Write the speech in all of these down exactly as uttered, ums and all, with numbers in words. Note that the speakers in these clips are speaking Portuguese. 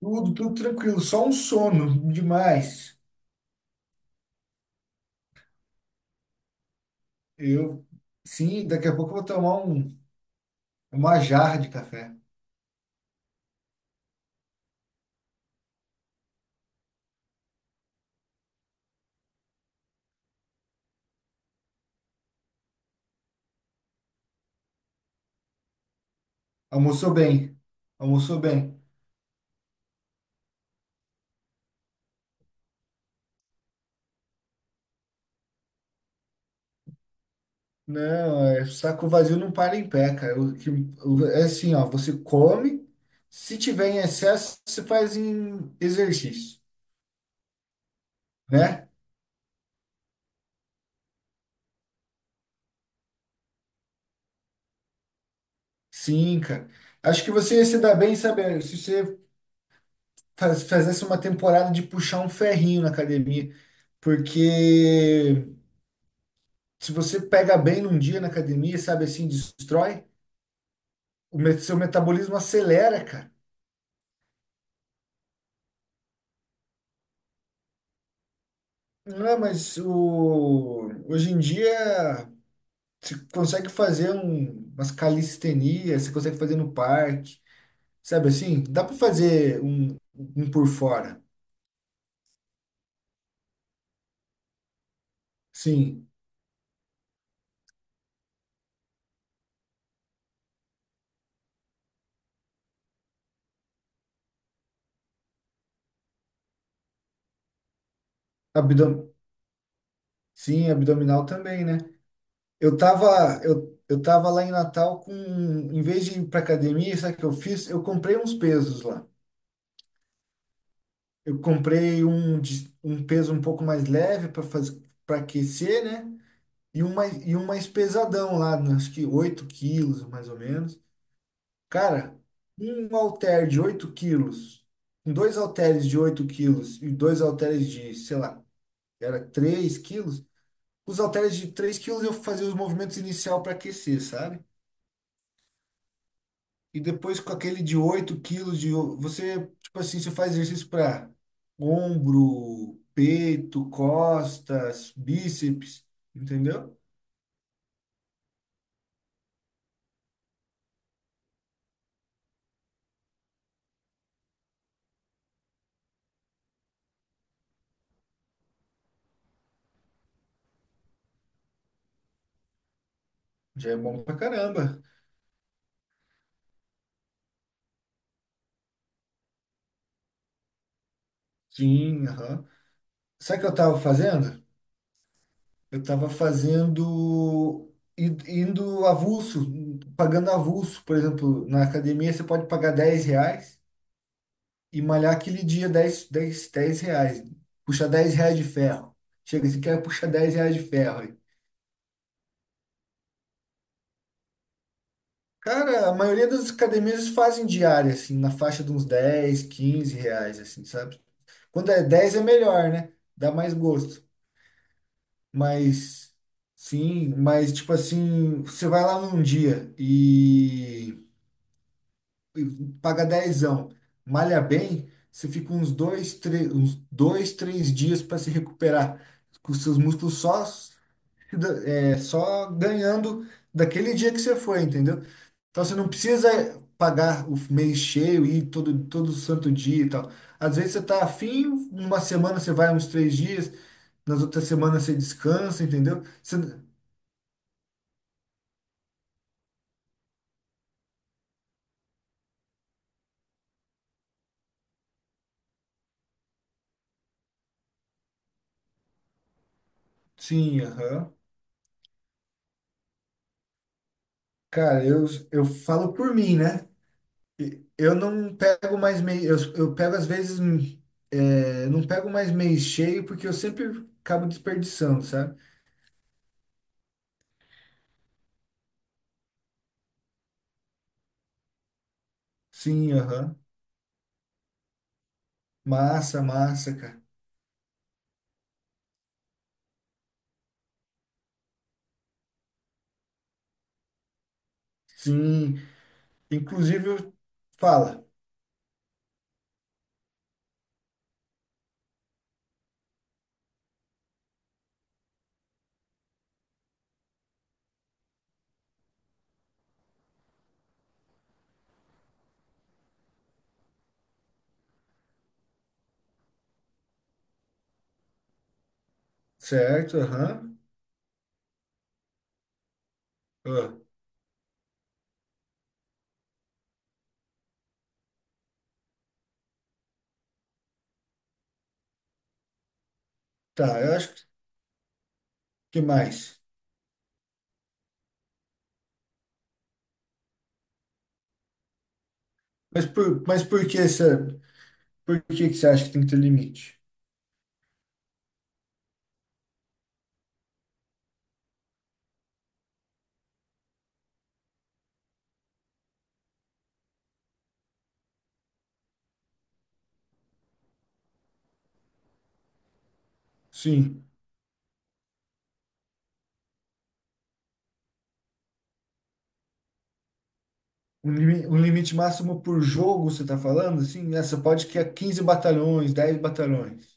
Tudo, tudo tranquilo, só um sono demais. Eu, sim, daqui a pouco eu vou tomar um, uma jarra de café. Almoçou bem, almoçou bem. Não, é, saco vazio não para em pé, cara. O que- o- é assim, ó, você come, se tiver em excesso, você faz em exercício, né? Sim, cara. Acho que você ia se dar bem, sabe, se você faz- fizesse uma temporada de puxar um ferrinho na academia, porque se você pega bem num dia na academia, sabe assim, destrói, o me- seu metabolismo acelera, cara. Não é, mas o, hoje em dia você consegue fazer um, umas calistenias, você consegue fazer no parque, sabe assim? Dá para fazer um, um por fora. Sim, abdom, sim, abdominal também, né? Eu tava, eu, eu tava lá em Natal com, em vez de ir pra academia, sabe o que eu fiz? Eu comprei uns pesos lá. Eu comprei um, de- um peso um pouco mais leve para fazer para aquecer, né? E um mais, e um mais pesadão lá, né? Acho que oito quilos, mais ou menos. Cara, um halter de oito quilos, com dois halteres de oito quilos e dois halteres de, sei lá, era três quilos. Os halteres de três quilos eu fazia os movimentos inicial para aquecer, sabe? E depois com aquele de oito quilos de. o- você, tipo assim, você faz exercício para ombro, peito, costas, bíceps, entendeu? Já é bom pra caramba. Sim, aham. Sabe o que eu tava fazendo? Eu tava fazendo. i- Indo avulso, pagando avulso. Por exemplo, na academia você pode pagar dez reais e malhar aquele dia dez dez dez reais. Puxar dez reais de ferro. Chega, você quer puxar dez reais de ferro. Cara, a maioria das academias fazem diária, assim, na faixa de uns dez, quinze reais, assim, sabe? Quando é dez é melhor, né? Dá mais gosto. Mas, sim, mas, tipo assim, você vai lá num dia e, e paga dezão, malha bem, você fica uns dois, três, uns dois, três dias para se recuperar, com os seus músculos só, se da- é, só ganhando daquele dia que você foi, entendeu? Então você não precisa pagar o mês cheio e ir todo, todo santo dia e tal. Às vezes você tá afim, uma semana você vai uns três dias, nas outras semanas você descansa, entendeu? Você- Sim, aham. Cara, eu, eu falo por mim, né? E- Eu não pego mais mês, eu, eu pego às vezes, hum, é, não pego mais mês cheio porque eu sempre acabo desperdiçando, sabe? Sim, aham. Massa, massa, cara. Sim. Inclusive, eu- fala. Certo, aham. Ah, tá, eu acho que. Que mais. Mas por, mas por que essa, por que que você acha que tem que ter limite? Sim, um, limi- um limite máximo por jogo, você tá falando? Assim, essa pode que é quinze batalhões, dez batalhões.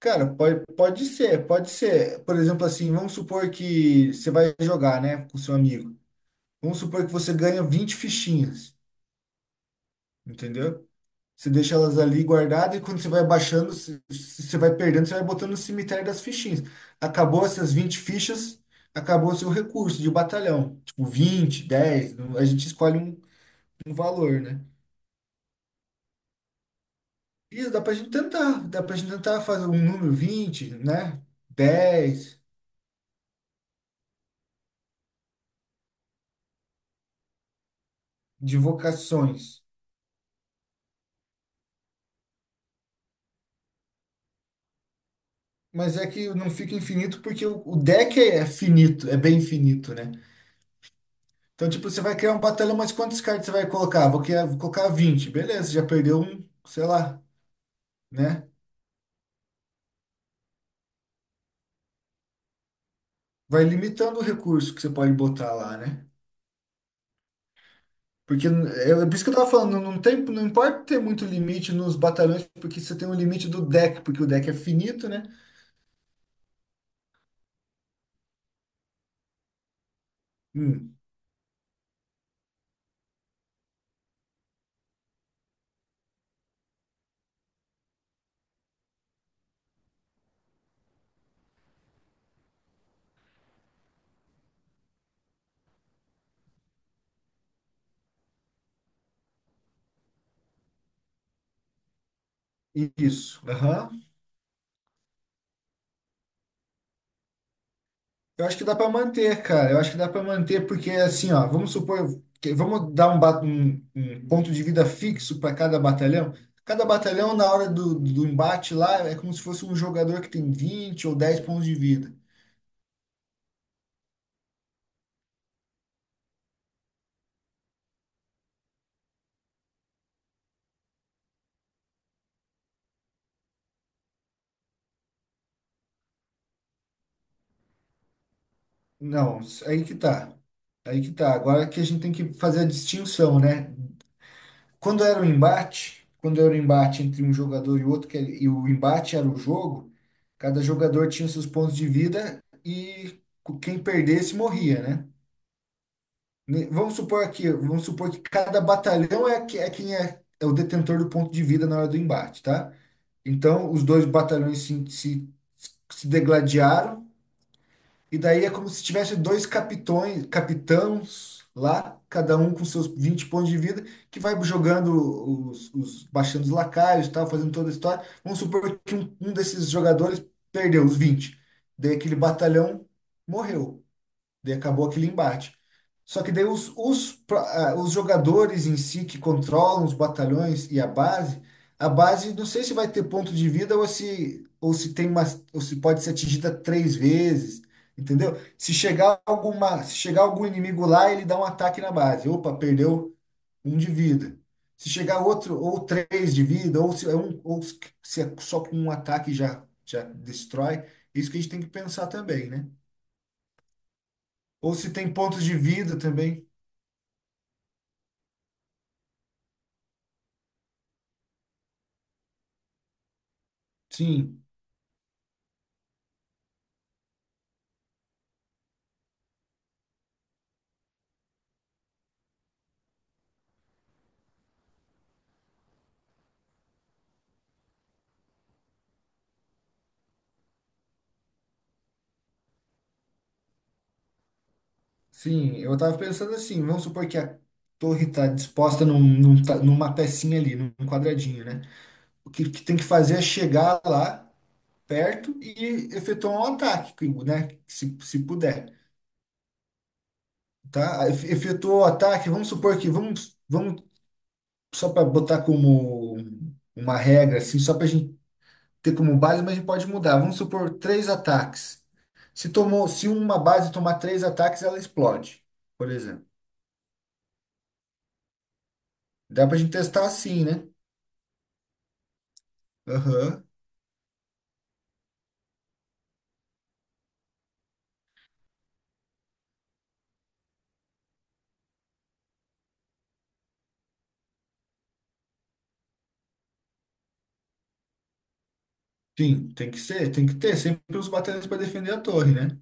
Cara, pode, pode ser, pode ser. Por exemplo, assim, vamos supor que você vai jogar, né, com seu amigo. Vamos supor que você ganha vinte fichinhas. Entendeu? Você deixa elas ali guardadas e quando você vai baixando, se- se você vai perdendo, você vai botando no cemitério das fichinhas. Acabou essas vinte fichas, acabou o seu recurso de batalhão. Tipo, vinte, dez. Não- a gente escolhe um, um valor, né? Isso, dá pra gente tentar, dá pra gente tentar fazer um número vinte, né? Dez de vocações. Mas é que não fica infinito porque o, o deck é é finito, é bem finito, né? Então, tipo, você vai criar um batalhão, mas quantos cards você vai colocar? Vou criar, vou colocar vinte, beleza, já perdeu um, sei lá, né? Vai limitando o recurso que você pode botar lá, né? Porque é, é por isso que eu tava falando, não tem, não importa ter muito limite nos batalhões, porque você tem um limite do deck, porque o deck é finito, né? Hum, isso. Aham, eu acho que dá para manter, cara. Eu acho que dá para manter, porque assim, ó, vamos supor, que- vamos dar um, ba- um- um ponto de vida fixo para cada batalhão. Cada batalhão, na hora do, do embate lá, é como se fosse um jogador que tem vinte ou dez pontos de vida. Não, aí que tá. Aí que tá. Agora que a gente tem que fazer a distinção, né? Quando era o embate, quando era o embate entre um jogador e outro, que, ele- e o embate era o jogo, cada jogador tinha seus pontos de vida e quem perdesse morria, né? Ne- vamos supor aqui, vamos supor que cada batalhão é, que- é quem é, é o detentor do ponto de vida na hora do embate, tá? Então, os dois batalhões se, se, se degladiaram, e daí é como se tivesse dois capitões, capitãos lá, cada um com seus vinte pontos de vida, que vai jogando os, os baixando os lacaios, tal, fazendo toda a história. Vamos supor que um, um desses jogadores perdeu os vinte, daí aquele batalhão morreu. Daí acabou aquele embate. Só que daí os, os, pro- ah, os jogadores em si que controlam os batalhões e a base, a base não sei se vai ter ponto de vida ou se, ou se tem uma, ou se pode ser atingida três vezes, entendeu? Se chegar alguma, se chegar algum inimigo lá, ele dá um ataque na base. Opa, perdeu um de vida. Se chegar outro, ou três de vida, ou se é um, ou se é só com um ataque já, já destrói, é isso que a gente tem que pensar também, né? Ou se tem pontos de vida também. Sim, sim. Eu tava pensando assim, vamos supor que a torre tá disposta num, num ta- numa pecinha ali, num quadradinho, né? O que, que tem que fazer é chegar lá perto e efetuar um ataque, que- né? Se, se puder, tá? Efe- Efetuou o ataque, vamos supor que vamos, vamos só para botar como uma regra, assim, só para ter como base, mas a gente pode mudar. Vamos supor três ataques. Se tomou, se uma base tomar três ataques, ela explode, por exemplo. Dá pra gente testar assim, né? Aham. Sim, tem que ser, tem que ter sempre os batalhões para defender a torre, né?